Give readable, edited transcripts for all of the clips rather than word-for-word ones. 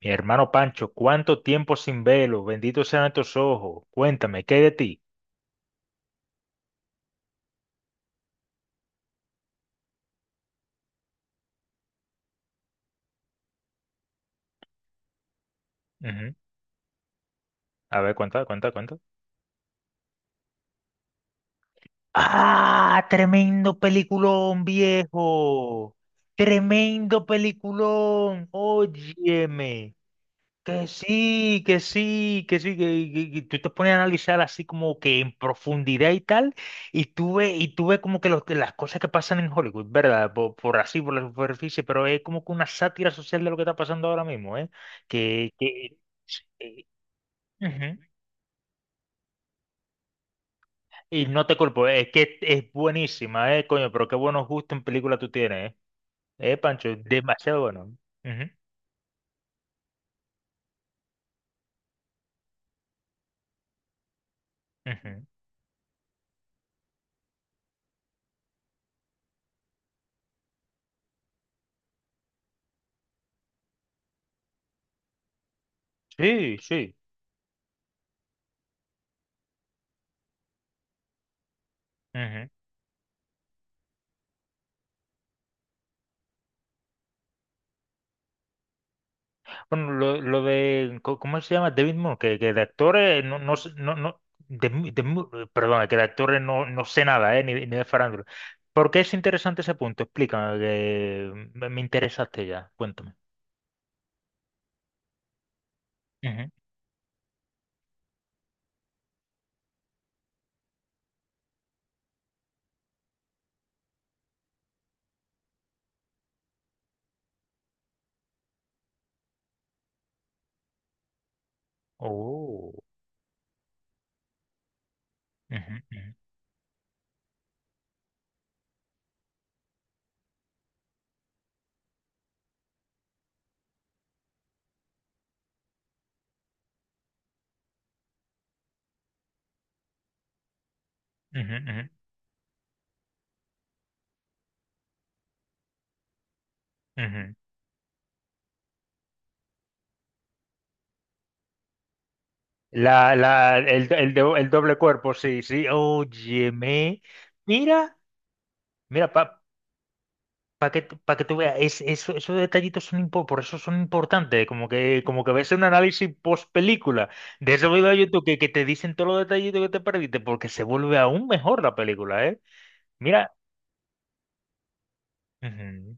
Mi hermano Pancho, ¿cuánto tiempo sin velo? Benditos sean tus ojos. Cuéntame, ¿qué hay de ti? Ujú. A ver, cuenta, cuenta, cuenta. ¡Ah! Tremendo peliculón, viejo. Tremendo peliculón. Óyeme. Que sí, que sí, que sí, que tú te pones a analizar así como que en profundidad y tal, y tú ves como que las cosas que pasan en Hollywood, ¿verdad? Por así, por la superficie, pero es como que una sátira social de lo que está pasando ahora mismo, ¿eh? Que, que, eh, Ujú. Y no te culpo, es que es buenísima, ¿eh? Coño, pero qué buenos gustos en película tú tienes, ¿eh? Pancho, demasiado bueno. Ujú, ujú. Sí, sí. Ujú. Bueno, lo de, ¿cómo se llama? David Moore, que de actores no, perdona, que de actores no sé nada, ni de farándula. ¿Por qué es interesante ese punto? Explícame, que me interesaste ya, cuéntame. Ujú. Oh. Ujú, ujú, ujú, ujú, ujú. La, el, do- el doble cuerpo, sí, sí, óyeme, mira, mira. Para que, Pa' que tú veas, esos detallitos por eso son importantes, como que ves un análisis post película de ese video de YouTube que te dicen todos los detallitos que te perdiste, porque se vuelve aún mejor la película, ¿eh? Mira, ujú,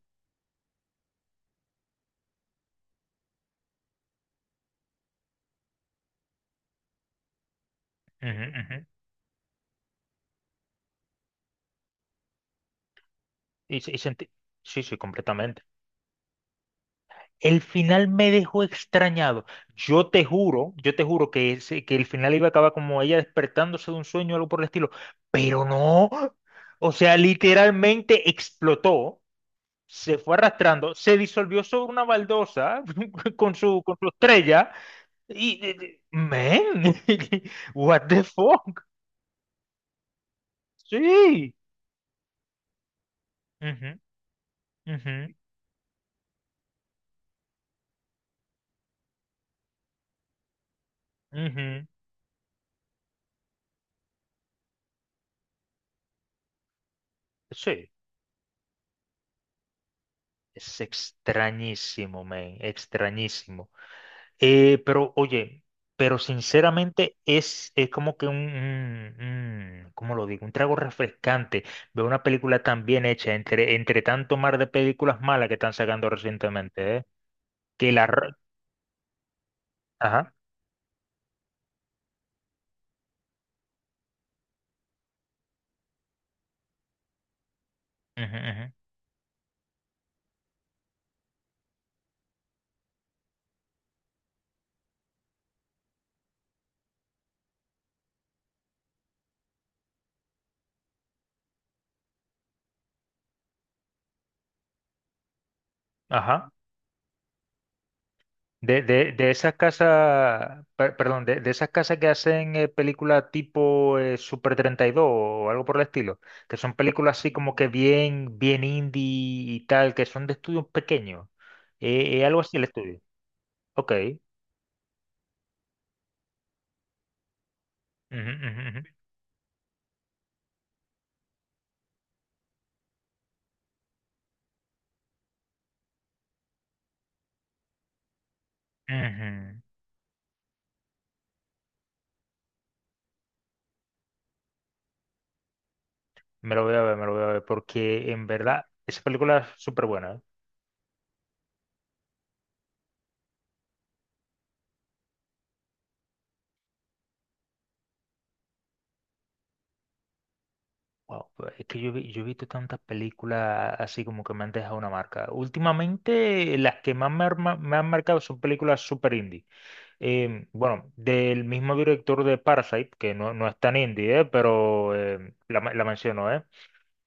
ujú, ujú. Y, se- y sentí- sí, sí, completamente. El final me dejó extrañado. Yo te juro que el final iba a acabar como ella despertándose de un sueño o algo por el estilo, pero no. O sea, literalmente explotó. Se fue arrastrando, se disolvió sobre una baldosa con su estrella men, what the fuck. Sí, ujú, ujú, ujú. Sí, es extrañísimo, men, extrañísimo. Pero oye, pero sinceramente es como que ¿cómo lo digo? Un trago refrescante ver una película tan bien hecha entre tanto mar de películas malas que están sacando recientemente, ¿eh? que la, Ajá, ujú, ujú, ajá. De esas casas, perdón, de esas casas que hacen películas tipo Super 32 o algo por el estilo, que son películas así como que bien, bien indie y tal, que son de estudios pequeños. Algo así el estudio. Ok. Ujú, ujú, ujú, ujú. Me lo voy a ver, me lo voy a ver, porque en verdad esa película es súper buena. Wow, pues es que yo he visto tantas películas así como que me han dejado una marca. Últimamente las que más me han marcado son películas super indie. Bueno, del mismo director de Parasite, que no es tan indie, pero la menciono. eh,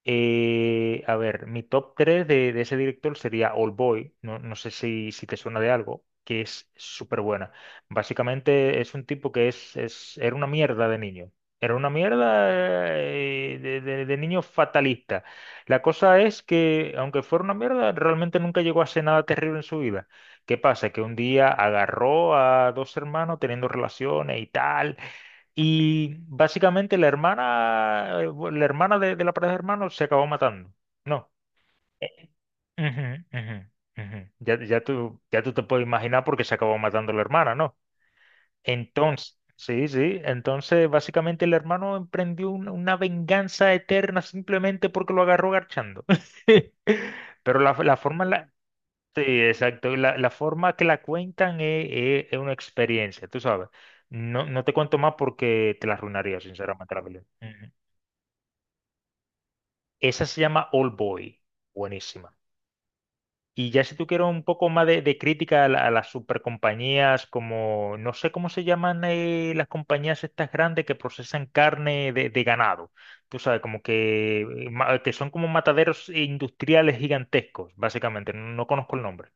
eh, A ver, mi top 3 de ese director sería Old Boy, no sé si te suena de algo, que es súper buena. Básicamente es un tipo que era una mierda de niño, era una mierda de niño fatalista. La cosa es que, aunque fuera una mierda, realmente nunca llegó a hacer nada terrible en su vida. ¿Qué pasa? Que un día agarró a dos hermanos teniendo relaciones y tal y básicamente la hermana de la pareja de hermanos se acabó matando. No. Ujú, ujú, ujú. Ya tú te puedes imaginar por qué se acabó matando la hermana, ¿no? Entonces, sí, sí. Entonces, básicamente el hermano emprendió una venganza eterna simplemente porque lo agarró garchando. Pero la forma en la. Sí, exacto. La forma que la cuentan es, es una experiencia, tú sabes. No, no te cuento más porque te la arruinaría, sinceramente, la película. Ujú. Esa se llama Old Boy. Buenísima. Y ya si tú quieres un poco más de crítica a las supercompañías, como, no sé cómo se llaman las compañías estas grandes que procesan carne de ganado. Tú sabes, como que, que son como mataderos industriales gigantescos, básicamente. No conozco el nombre.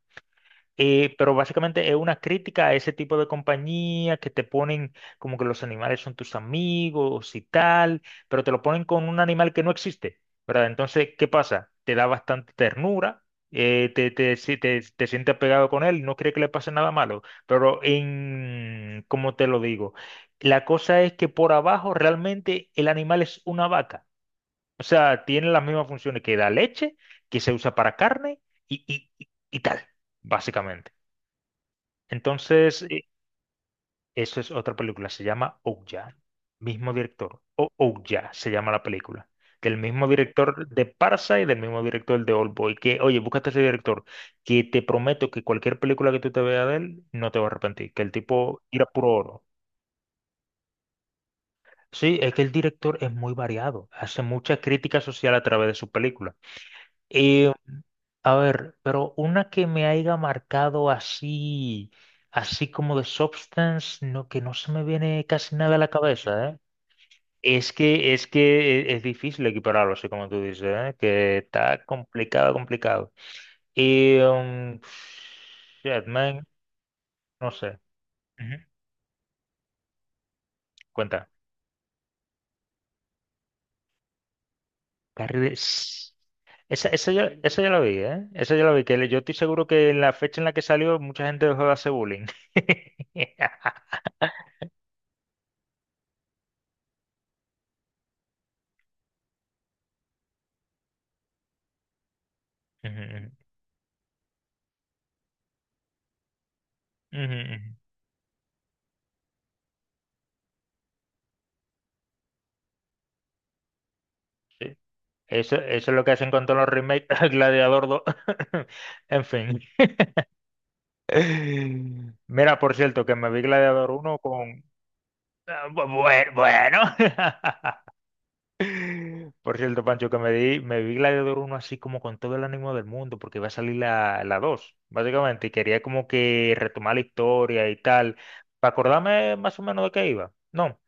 Pero básicamente es una crítica a ese tipo de compañía que te ponen como que los animales son tus amigos y tal, pero te lo ponen con un animal que no existe, ¿verdad? Entonces, ¿qué pasa? Te da bastante ternura, te, te, si- te sientes apegado con él, no cree que le pase nada malo, pero ¿cómo te lo digo? La cosa es que por abajo realmente el animal es una vaca, o sea, tiene las mismas funciones que da leche, que se usa para carne y, y, y y tal, básicamente. Entonces, eso es otra película, se llama Ouya, mismo director, o Ouya se llama la película, del mismo director de Parsa y del mismo director de Oldboy, oye, búscate ese director, que te prometo que cualquier película que tú te veas de él, no te vas a arrepentir, que el tipo tira puro oro. Sí, es que el director es muy variado, hace mucha crítica social a través de su película. A ver, pero una que me haya marcado así, así como de Substance, no, que no se me viene casi nada a la cabeza, ¿eh? Es difícil equipararlo, así como tú dices, ¿eh? Que está complicado, complicado. Y, um, shit, man, no sé. Ujú. Cuenta. Carrie de- s- esa ya la vi, ¿eh? Esa ya la vi, yo estoy seguro que en la fecha en la que salió mucha gente dejó de hacer bullying. Ujú, ujú, ujú. Sí. Eso es lo que hacen con todos los remakes, Gladiador 2. En fin. Mira, por cierto, que me vi Gladiador uno con... Bueno. Por cierto, Pancho, que me vi Gladiador uno así como con todo el ánimo del mundo, porque iba a salir la 2, básicamente, y quería como que retomar la historia y tal, para acordarme más o menos de qué iba. No.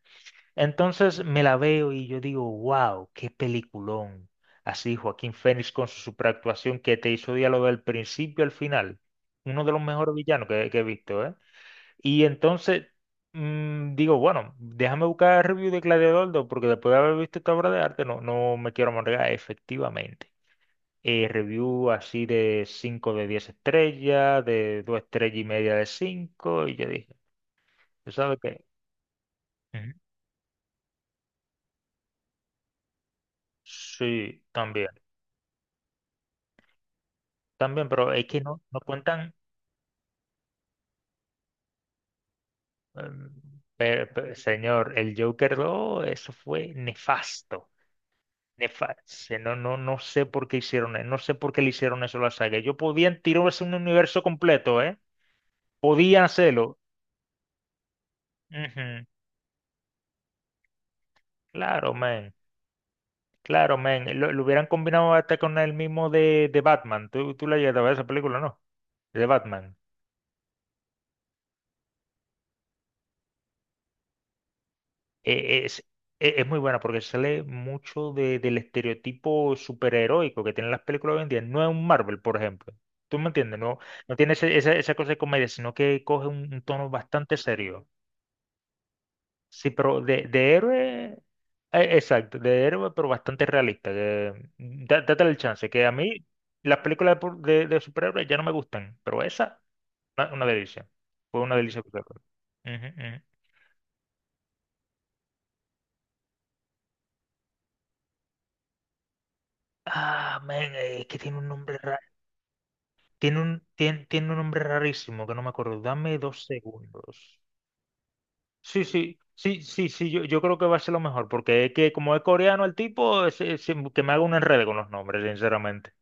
Entonces me la veo y yo digo, wow, qué peliculón. Así, Joaquín Phoenix con su superactuación que te hizo diálogo del principio al final. Uno de los mejores villanos que he visto, ¿eh? Y entonces digo, bueno, déjame buscar review de Gladiador 2 porque después de haber visto esta obra de arte no, no me quiero amargar, efectivamente. Review así de 5 de 10 estrellas, de 2 estrellas y media de 5 y yo dije, ¿tú sabes qué? Ujú. Sí, también. También, pero es que no cuentan. em, señor, el Joker 2 eso fue nefasto. Nefasto. No, no, no sé por qué hicieron eso. No sé por qué le hicieron eso a la saga. Ellos podían tirarse un universo completo, ¿eh? Podían hacerlo. Ujú. Claro, man. Claro, man. Lo hubieran combinado hasta con el mismo de Batman. Tú la llegaste a ver esa película, ¿no? De Batman. eh, es, es muy buena porque sale mucho del estereotipo superheroico que tienen las películas hoy en día. No es un Marvel, por ejemplo. ¿Tú me entiendes? No, no tiene esa cosa de comedia, sino que coge un tono bastante serio. Sí, pero de héroe, exacto, de héroe, pero bastante realista. Date el chance, que a mí las películas de superhéroes ya no me gustan, pero esa, una delicia. Fue una delicia. Ujú, ujú. Ah, men, es que tiene un nombre. Tiene un nombre rarísimo que no me acuerdo. Dame 2 segundos. Sí, sí, sí, sí, sí, yo creo que va a ser lo mejor, porque es que como es coreano el tipo, que me haga un enredo con los nombres, sinceramente.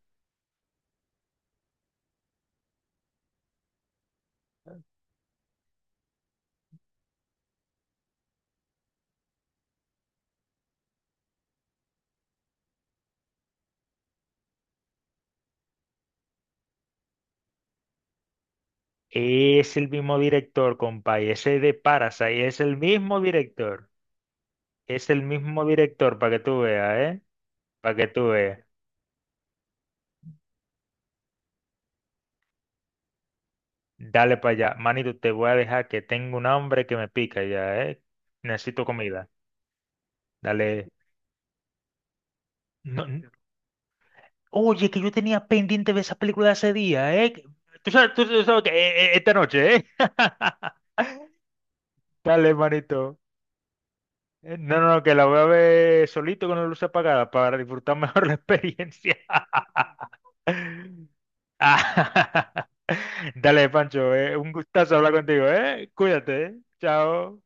Es el mismo director, compa, y ese de Parasite, es el mismo director. Es el mismo director, para que tú veas, ¿eh? Para que tú veas. Dale para allá. Manito, te voy a dejar que tengo un hambre que me pica ya, ¿eh? Necesito comida. Dale. No, oye, que yo tenía pendiente de esa película de hace día, ¿eh? Tú sabes, tú sabes que esta noche, ¿eh? Dale, manito. No, no, no, que la voy a ver solito con la luz apagada para disfrutar mejor la experiencia. Dale, Pancho, un gustazo hablar contigo, ¿eh? Cuídate, ¿eh? Chao.